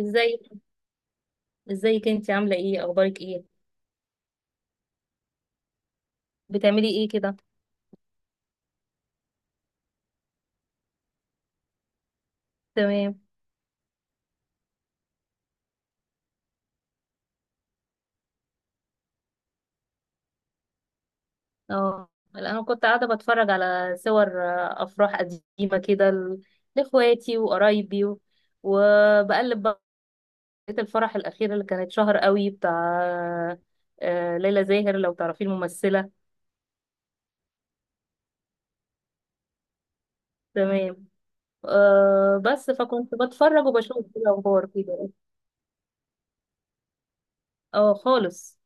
ازاي؟ ازيك، انت عامله ايه، اخبارك ايه؟ بتعملي ايه كده؟ تمام. اه لا، انا كنت قاعده بتفرج على صور افراح قديمه كده لاخواتي وقرايبي وبقلب بقى. لقيت الفرح الاخير اللي كانت شهر قوي بتاع ليلى زاهر، لو تعرفي الممثله. تمام. أه بس فكنت بتفرج وبشوف كده اخبار كده. اه خالص.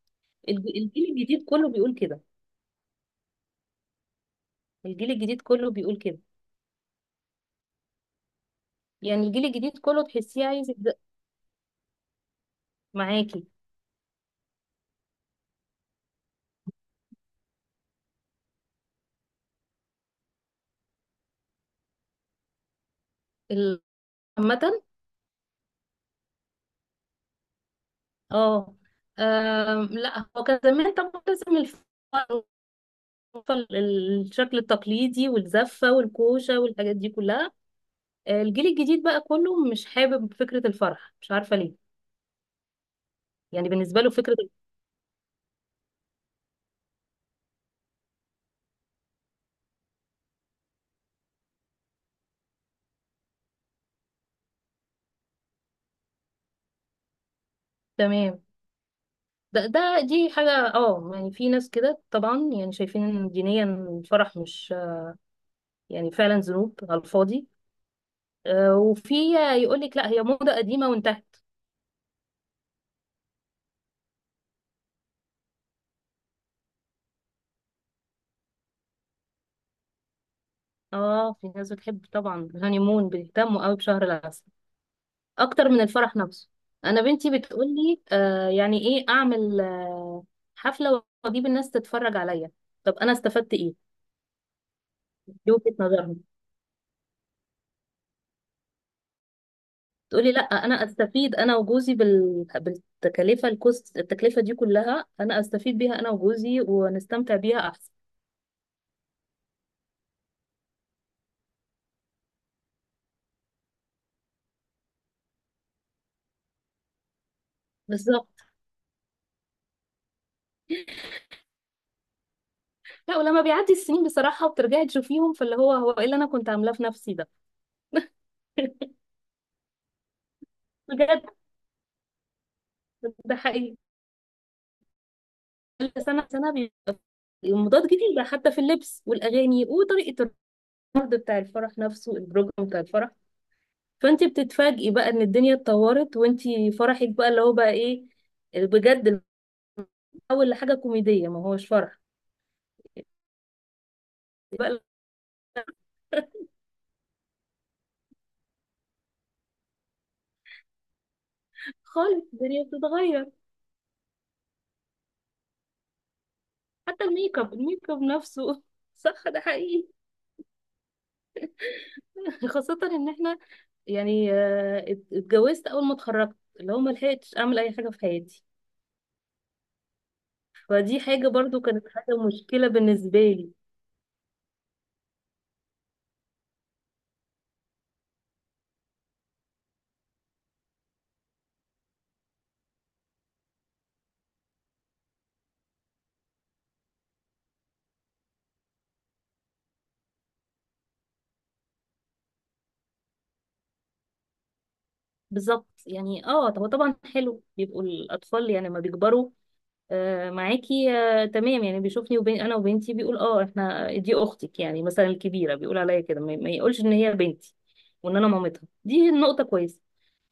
الجيل الجديد كله بيقول كده. الجيل الجديد كله بيقول كده، يعني الجيل الجديد كله تحسيه عايز معاكي. ال- عامة. اه. لا، هو كان زمان طبعا لازم الشكل التقليدي والزفة والكوشة والحاجات دي كلها. الجيل الجديد بقى كله مش حابب فكرة الفرح، مش عارفة ليه. يعني بالنسبة له فكرة ال-. تمام. ده، دي حاجة، يعني في ناس كده طبعا، يعني شايفين ان دينيا الفرح مش، يعني فعلا ذنوب على الفاضي. وفي. يقول لك لا، هي موضة قديمة وانتهت. اه في ناس بتحب طبعا الهانيمون، بيهتموا قوي بشهر العسل اكتر من الفرح نفسه. انا بنتي بتقول لي يعني ايه اعمل حفله واجيب الناس تتفرج عليا؟ طب انا استفدت ايه؟ دي وجهه نظرهم. تقولي لا، انا استفيد انا وجوزي بالتكلفه، الكوست، التكلفه دي كلها انا استفيد بيها انا وجوزي ونستمتع بيها احسن. بالظبط. لا، ولما بيعدي السنين بصراحه، وبترجعي تشوفيهم، فاللي هو ايه اللي انا كنت عاملاه في نفسي ده. بجد، ده حقيقي. كل سنة سنة المضاد جديدة، حتى في اللبس والأغاني وطريقة العرض بتاع الفرح نفسه، البروجرام بتاع الفرح. فأنت بتتفاجئي بقى إن الدنيا اتطورت وأنت فرحك بقى اللي هو بقى إيه؟ بجد. أول لحاجة كوميدية، ما هوش فرح بقى. خالص، الدنيا بتتغير. حتى الميك اب نفسه، صح، ده حقيقي. خاصة إن إحنا يعني اتجوزت أول ما اتخرجت، اللي هو ما لحقتش أعمل أي حاجة في حياتي. فدي حاجة برضو كانت حاجة مشكلة بالنسبة لي. بالظبط، يعني اه هو طبعا حلو بيبقوا الاطفال يعني لما بيكبروا. آه معاكي، آه، تمام. يعني بيشوفني وبين انا وبنتي، بيقول اه احنا، دي اختك، يعني مثلا الكبيره بيقول عليا كده، ما يقولش ان هي بنتي. وان انا مامتها، دي النقطه كويسه.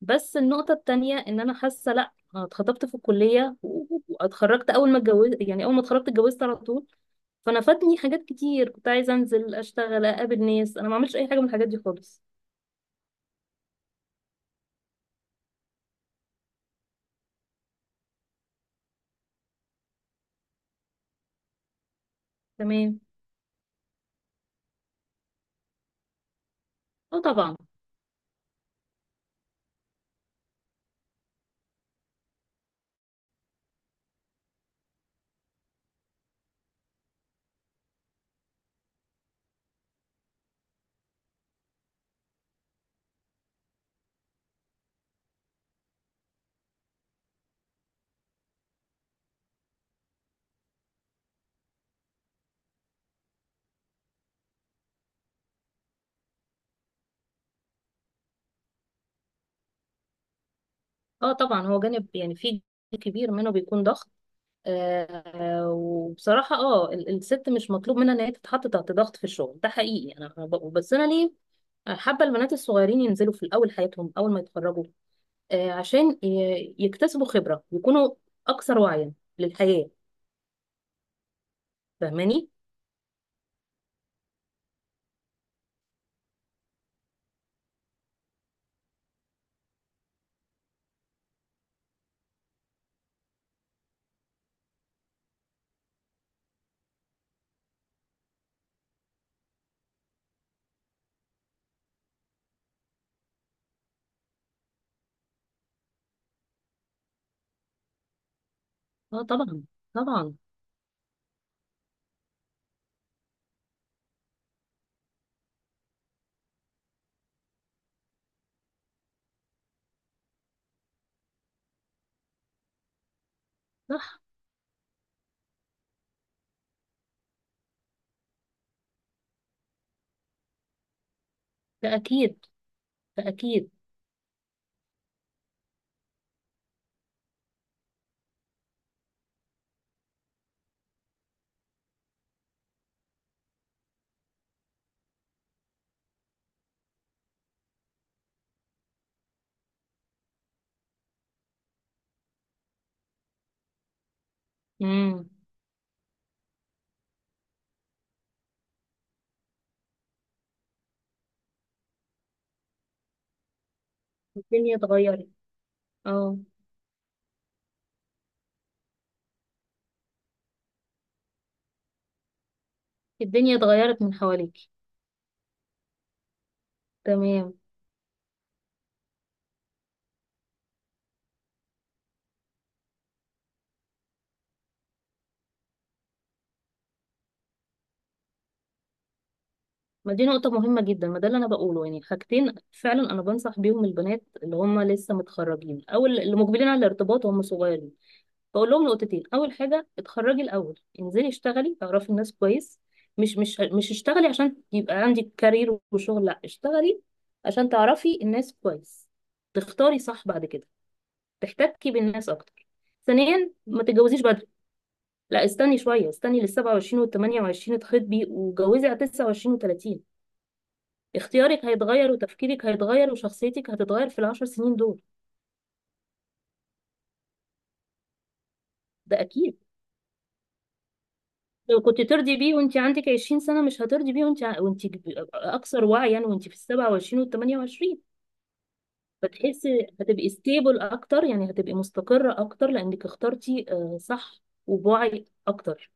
بس النقطه التانية، ان انا حاسه لا، انا اتخطبت في الكليه واتخرجت اول ما اتجوزت، يعني اول ما اتخرجت اتجوزت على طول. فانا فاتني حاجات كتير، كنت عايزه انزل اشتغل اقابل ناس، انا ما عملتش اي حاجه من الحاجات دي خالص. تمام. اه طبعا. اه طبعا، هو جانب يعني في جانب كبير منه بيكون ضغط. وبصراحة الست مش مطلوب منها ان هي تتحط تحت ضغط في الشغل، ده حقيقي. أنا بس انا ليه حابة البنات الصغيرين ينزلوا في الاول حياتهم اول ما يتخرجوا، آه عشان يكتسبوا خبرة، يكونوا اكثر وعيا للحياة. فاهماني؟ اه طبعا. طبعا. صح. ده اكيد. ده اكيد. امم. الدنيا اتغيرت. اه، الدنيا اتغيرت من حواليك. تمام. ما دي نقطة مهمة جدا، ما ده اللي أنا بقوله، يعني حاجتين فعلا أنا بنصح بيهم البنات اللي هم لسه متخرجين أو اللي مقبلين على الارتباط وهم صغيرين. بقول لهم نقطتين، أول حاجة اتخرجي الأول، انزلي اشتغلي، اعرفي الناس كويس، مش مش مش اشتغلي عشان يبقى عندك كارير وشغل، لا اشتغلي عشان تعرفي الناس كويس، تختاري صح بعد كده، تحتكي بالناس أكتر. ثانيا ما تتجوزيش بدري، لا استني شوية، استني لل 27 وال 28 تخطبي، وجوزي على 29 و30. اختيارك هيتغير وتفكيرك هيتغير وشخصيتك هتتغير في العشر سنين دول. ده اكيد. لو كنت ترضي بيه وانت عندك 20 سنة، مش هترضي بيه وانت وانت اكثر وعيا، وانت في ال 27 وال 28. فتحسي هتبقي ستيبل اكتر، يعني هتبقي مستقرة اكتر لانك اخترتي صح وبوعي اكتر.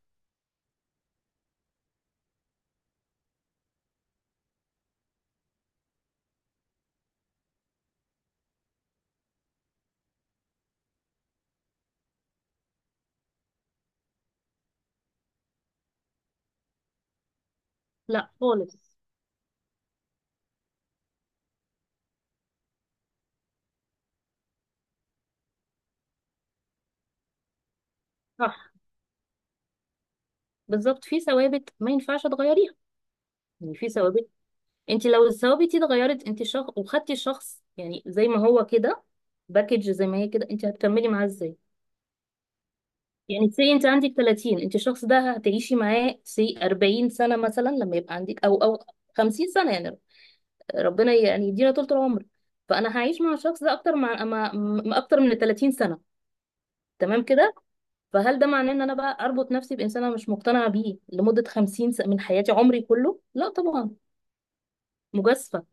لا خالص. صح، بالظبط، في ثوابت ما ينفعش تغيريها. يعني في ثوابت، انت لو الثوابت دي اتغيرت، انت شخص وخدتي شخص يعني زي ما هو كده، باكج زي ما هي كده، انت هتكملي معاه ازاي؟ يعني سي انت عندك 30، انت الشخص ده هتعيشي معاه سي 40 سنة مثلا، لما يبقى عندك او 50 سنة يعني. ربنا يعني يدينا طول العمر. فانا هعيش مع الشخص ده اكتر مع مع م- اكتر من 30 سنة. تمام كده. فهل ده معناه ان انا بقى اربط نفسي بانسان انا مش مقتنعة بيه لمدة 50 سنة من حياتي، عمري كله؟ لا طبعا، مجازفة.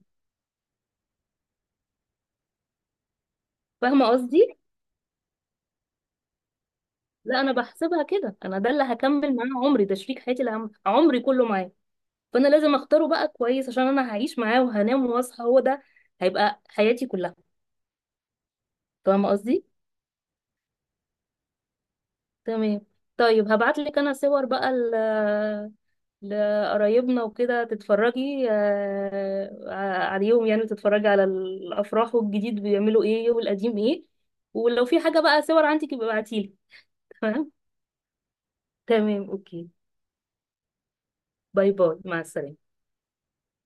فاهمة قصدي؟ لا، انا بحسبها كده، انا ده اللي هكمل معاه عمري، ده شريك حياتي اللي عمري كله معاه. فانا لازم اختاره بقى كويس عشان انا هعيش معاه وهنام واصحى هو ده، هيبقى حياتي كلها. فاهمه قصدي؟ تمام. طيب، هبعت لك انا صور بقى لقرايبنا وكده تتفرجي عليهم، يعني تتفرجي على الافراح، والجديد بيعملوا ايه والقديم ايه. ولو في حاجه بقى صور عندك يبقى ابعتيلي. تمام. تمام، اوكي. باي. باي، مع السلامه.